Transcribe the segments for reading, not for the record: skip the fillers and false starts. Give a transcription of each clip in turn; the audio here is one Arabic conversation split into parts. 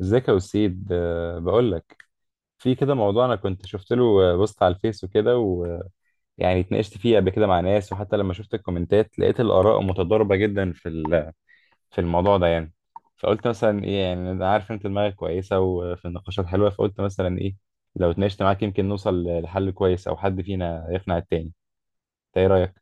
ازيك يا وسيد، بقول لك في كده موضوع انا كنت شفت له بوست على الفيس وكده، ويعني اتناقشت فيه قبل كده مع ناس، وحتى لما شفت الكومنتات لقيت الاراء متضاربه جدا في في الموضوع ده يعني. فقلت مثلا ايه، يعني انا عارف انت دماغك كويسه وفي النقاشات حلوه، فقلت مثلا ايه، لو اتناقشت معاك يمكن نوصل لحل كويس او حد فينا يقنع التاني. انت ايه رايك؟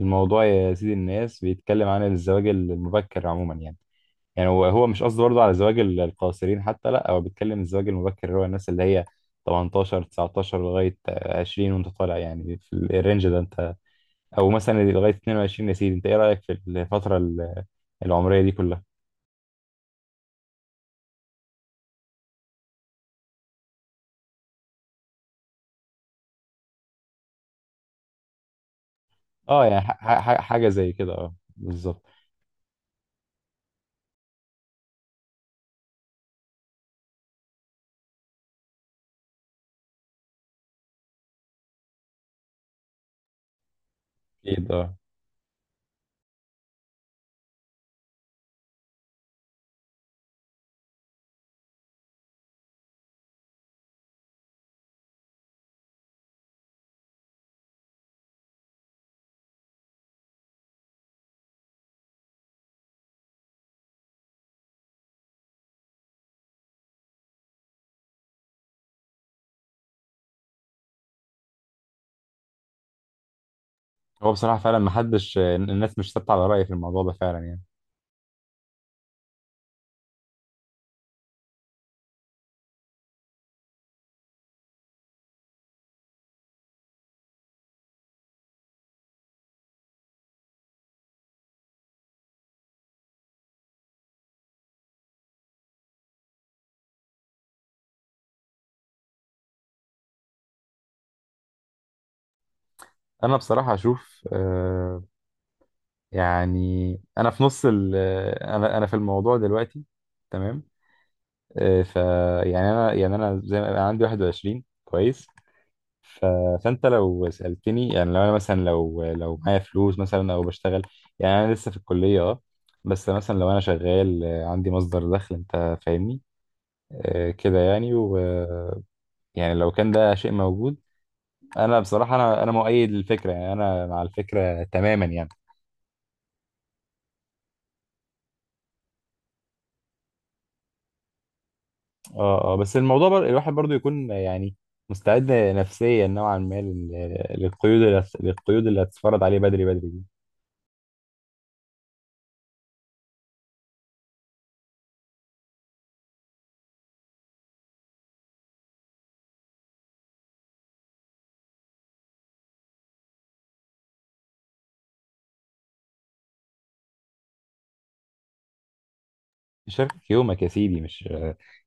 الموضوع يا سيدي، الناس بيتكلم عن الزواج المبكر عموما، يعني هو مش قصده برضه على زواج القاصرين، حتى لا، هو بيتكلم الزواج المبكر اللي هو الناس اللي هي 18 19 لغاية 20 وانت طالع، يعني في الرينج ده انت، او مثلا لغاية 22. يا سيدي انت ايه رأيك في الفترة العمرية دي كلها؟ اه يعني حاجة زي كده، اه بالظبط. اكيد اه. هو بصراحة فعلا محدش، الناس مش ثابتة على رأي في الموضوع ده فعلا يعني. انا بصراحة اشوف آه، يعني انا في نص انا في الموضوع دلوقتي تمام. إيه، ف يعني انا، زي ما انا عندي 21، كويس. ف... فانت لو سالتني، يعني لو انا مثلا، لو معايا فلوس مثلا او بشتغل، يعني انا لسه في الكليه اه، بس مثلا لو انا شغال، عندي مصدر دخل، انت فاهمني آه، كده يعني. و يعني لو كان ده شيء موجود، انا بصراحه انا مؤيد للفكره، يعني انا مع الفكره تماما يعني. اه اه، بس الموضوع الواحد برضو يكون يعني مستعد نفسيا نوعا ما للقيود اللي للقيود اللي هتتفرض عليه بدري، بدري دي يشاركك يومك يا سيدي. مش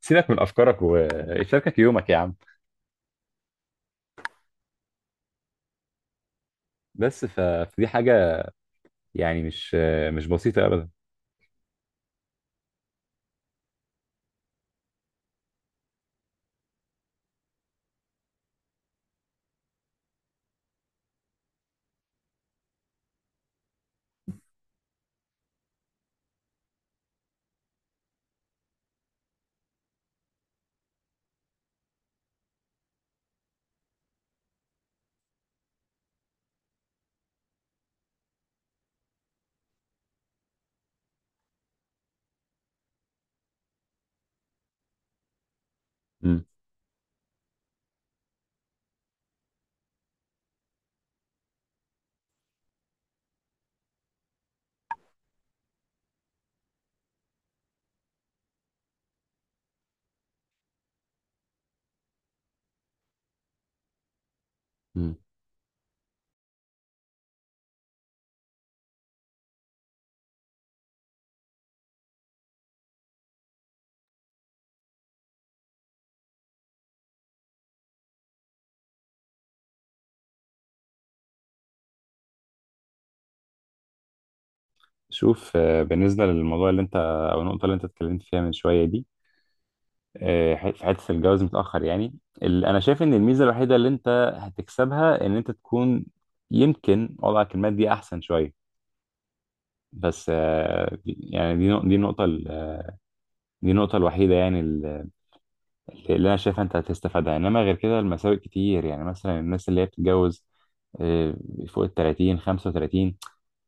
سيبك من افكارك، ويشاركك يومك يا عم. بس فدي حاجه يعني مش بسيطه ابدا. مم. مم. شوف آه، بالنسبه للموضوع اللي انت، او النقطه اللي انت اتكلمت فيها من شويه دي، آه، في حته الجواز متاخر يعني، انا شايف ان الميزه الوحيده اللي انت هتكسبها ان انت تكون يمكن وضعك المادي احسن شويه. بس آه، يعني دي دي النقطة الوحيدة يعني اللي أنا شايفها أنت هتستفادها، إنما غير كده المساوئ كتير. يعني مثلا الناس اللي هي بتتجوز آه، فوق ال 30 35،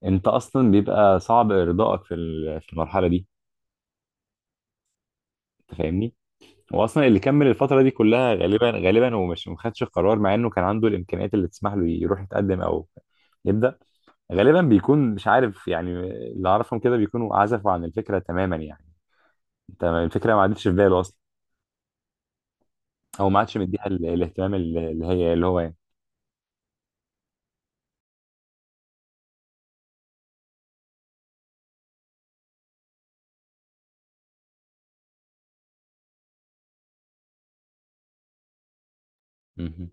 أنت أصلا بيبقى صعب إرضائك في في المرحلة دي. أنت فاهمني؟ وأصلا اللي كمل الفترة دي كلها غالبا، غالبا ومش، ما خدش القرار مع إنه كان عنده الإمكانيات اللي تسمح له يروح يتقدم أو يبدأ. غالبا بيكون مش عارف، يعني اللي أعرفهم كده بيكونوا عزفوا عن الفكرة تماما يعني. أنت الفكرة ما عادتش في باله أصلا، هو ما عادش مديها الاهتمام ال- اللي هي اللي هو يعني. مهم.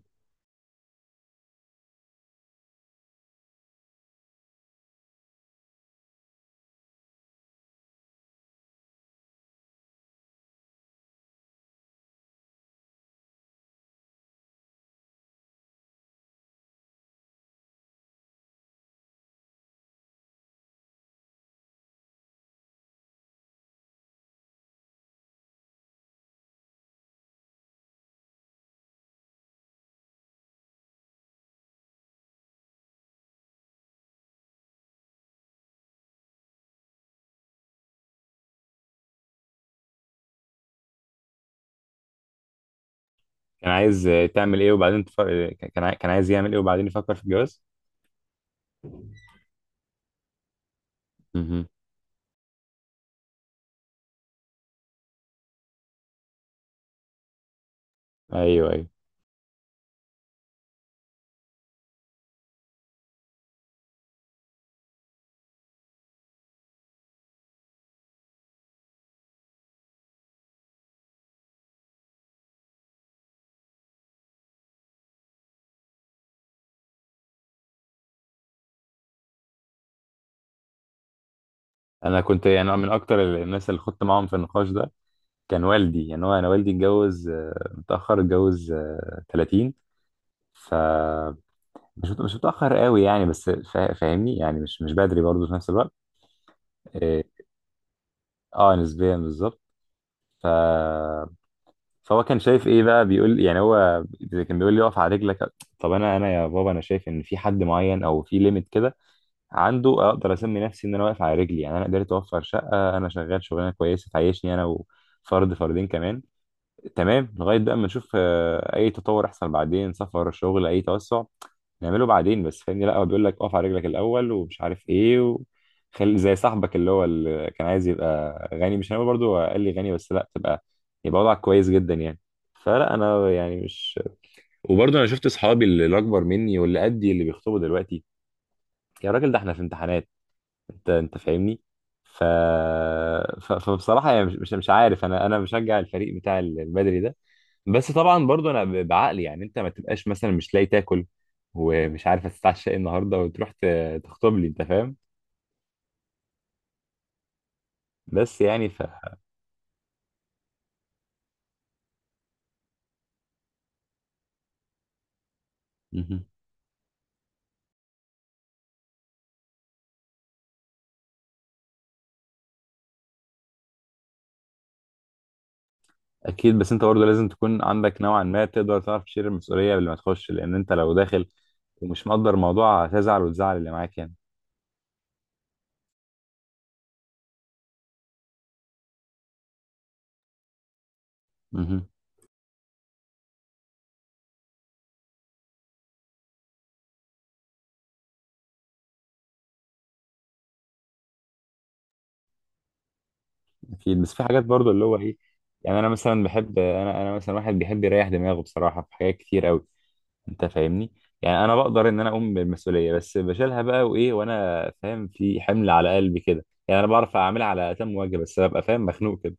كان عايز آه، تعمل ايه وبعدين كان عايز يعمل ايه وبعدين يفكر في الجواز. مهم. ايوه، ايوه. انا كنت يعني من اكتر الناس اللي خدت معاهم في النقاش ده كان والدي، يعني هو انا والدي اتجوز آه، متاخر، اتجوز آه، 30. ف مش متاخر قوي يعني، بس فاهمني يعني مش بدري برضه في نفس الوقت. اه آه، نسبيا بالظبط. ف فهو كان شايف ايه بقى، بيقول يعني، هو كان بيقول لي اقف على رجلك. طب انا، يا بابا، انا شايف ان في حد معين او في ليميت كده عنده اقدر اسمي نفسي ان انا واقف على رجلي. يعني انا قدرت اوفر شقه، انا شغال شغلانه كويسه تعيشني انا وفرد، فردين كمان، تمام، لغايه بقى ما نشوف آه، اي تطور يحصل بعدين، سفر شغل اي توسع نعمله بعدين. بس فاهمني، لا، هو بيقول لك اقف على رجلك الاول ومش عارف ايه، وخلي زي صاحبك اللي هو اللي كان عايز يبقى غني. مش هنقول برضه قال لي غني، بس لا، تبقى، يبقى وضعك كويس جدا يعني. فلا، انا يعني مش، وبرضه انا شفت اصحابي اللي اكبر مني واللي قدي اللي بيخطبوا دلوقتي. يا راجل، ده احنا في امتحانات! انت فاهمني. ف... فبصراحه يعني مش عارف، انا بشجع الفريق بتاع البدري ده. بس طبعا برضو انا بعقلي يعني، انت ما تبقاش مثلا مش لاقي تاكل ومش عارف هتتعشى ايه النهارده وتروح تخطب لي. انت فاهم؟ بس يعني ف مهم. اكيد، بس انت برضه لازم تكون عندك نوعا ما تقدر تعرف تشيل المسؤوليه قبل ما تخش، لان انت لو داخل ومش مقدر الموضوع هتزعل وتزعل اللي معاك يعني. مهم. اكيد، بس في حاجات برضو اللي هو ايه، يعني انا مثلا بحب، انا مثلا واحد بيحب يريح دماغه بصراحه في حاجات كتير قوي. انت فاهمني. يعني انا بقدر ان انا اقوم بالمسؤوليه، بس بشيلها بقى وايه، وانا فاهم في حمل على قلبي كده. يعني انا بعرف اعملها على اتم وجه بس ببقى فاهم مخنوق كده.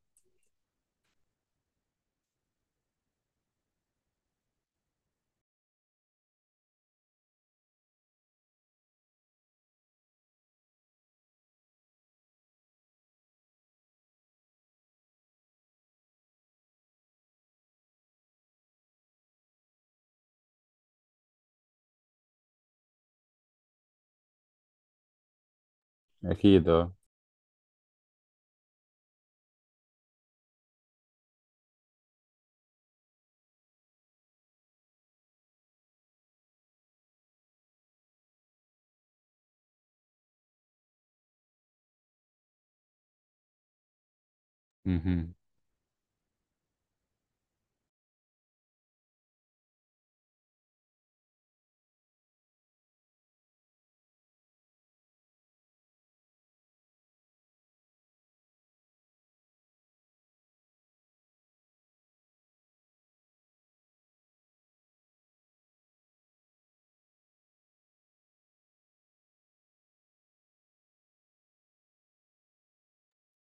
اكيد اه. مهم.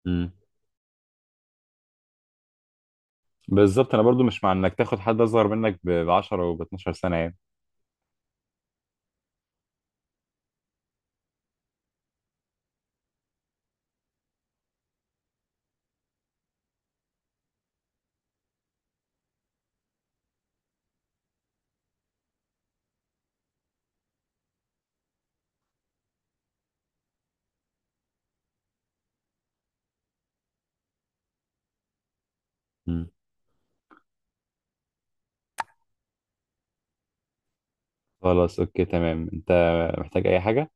مم. بالظبط، انا برضو مش مع انك تاخد حد اصغر منك ب 10 و ب 12 سنه يعني. مم. خلاص اوكي تمام، انت محتاج اي حاجه؟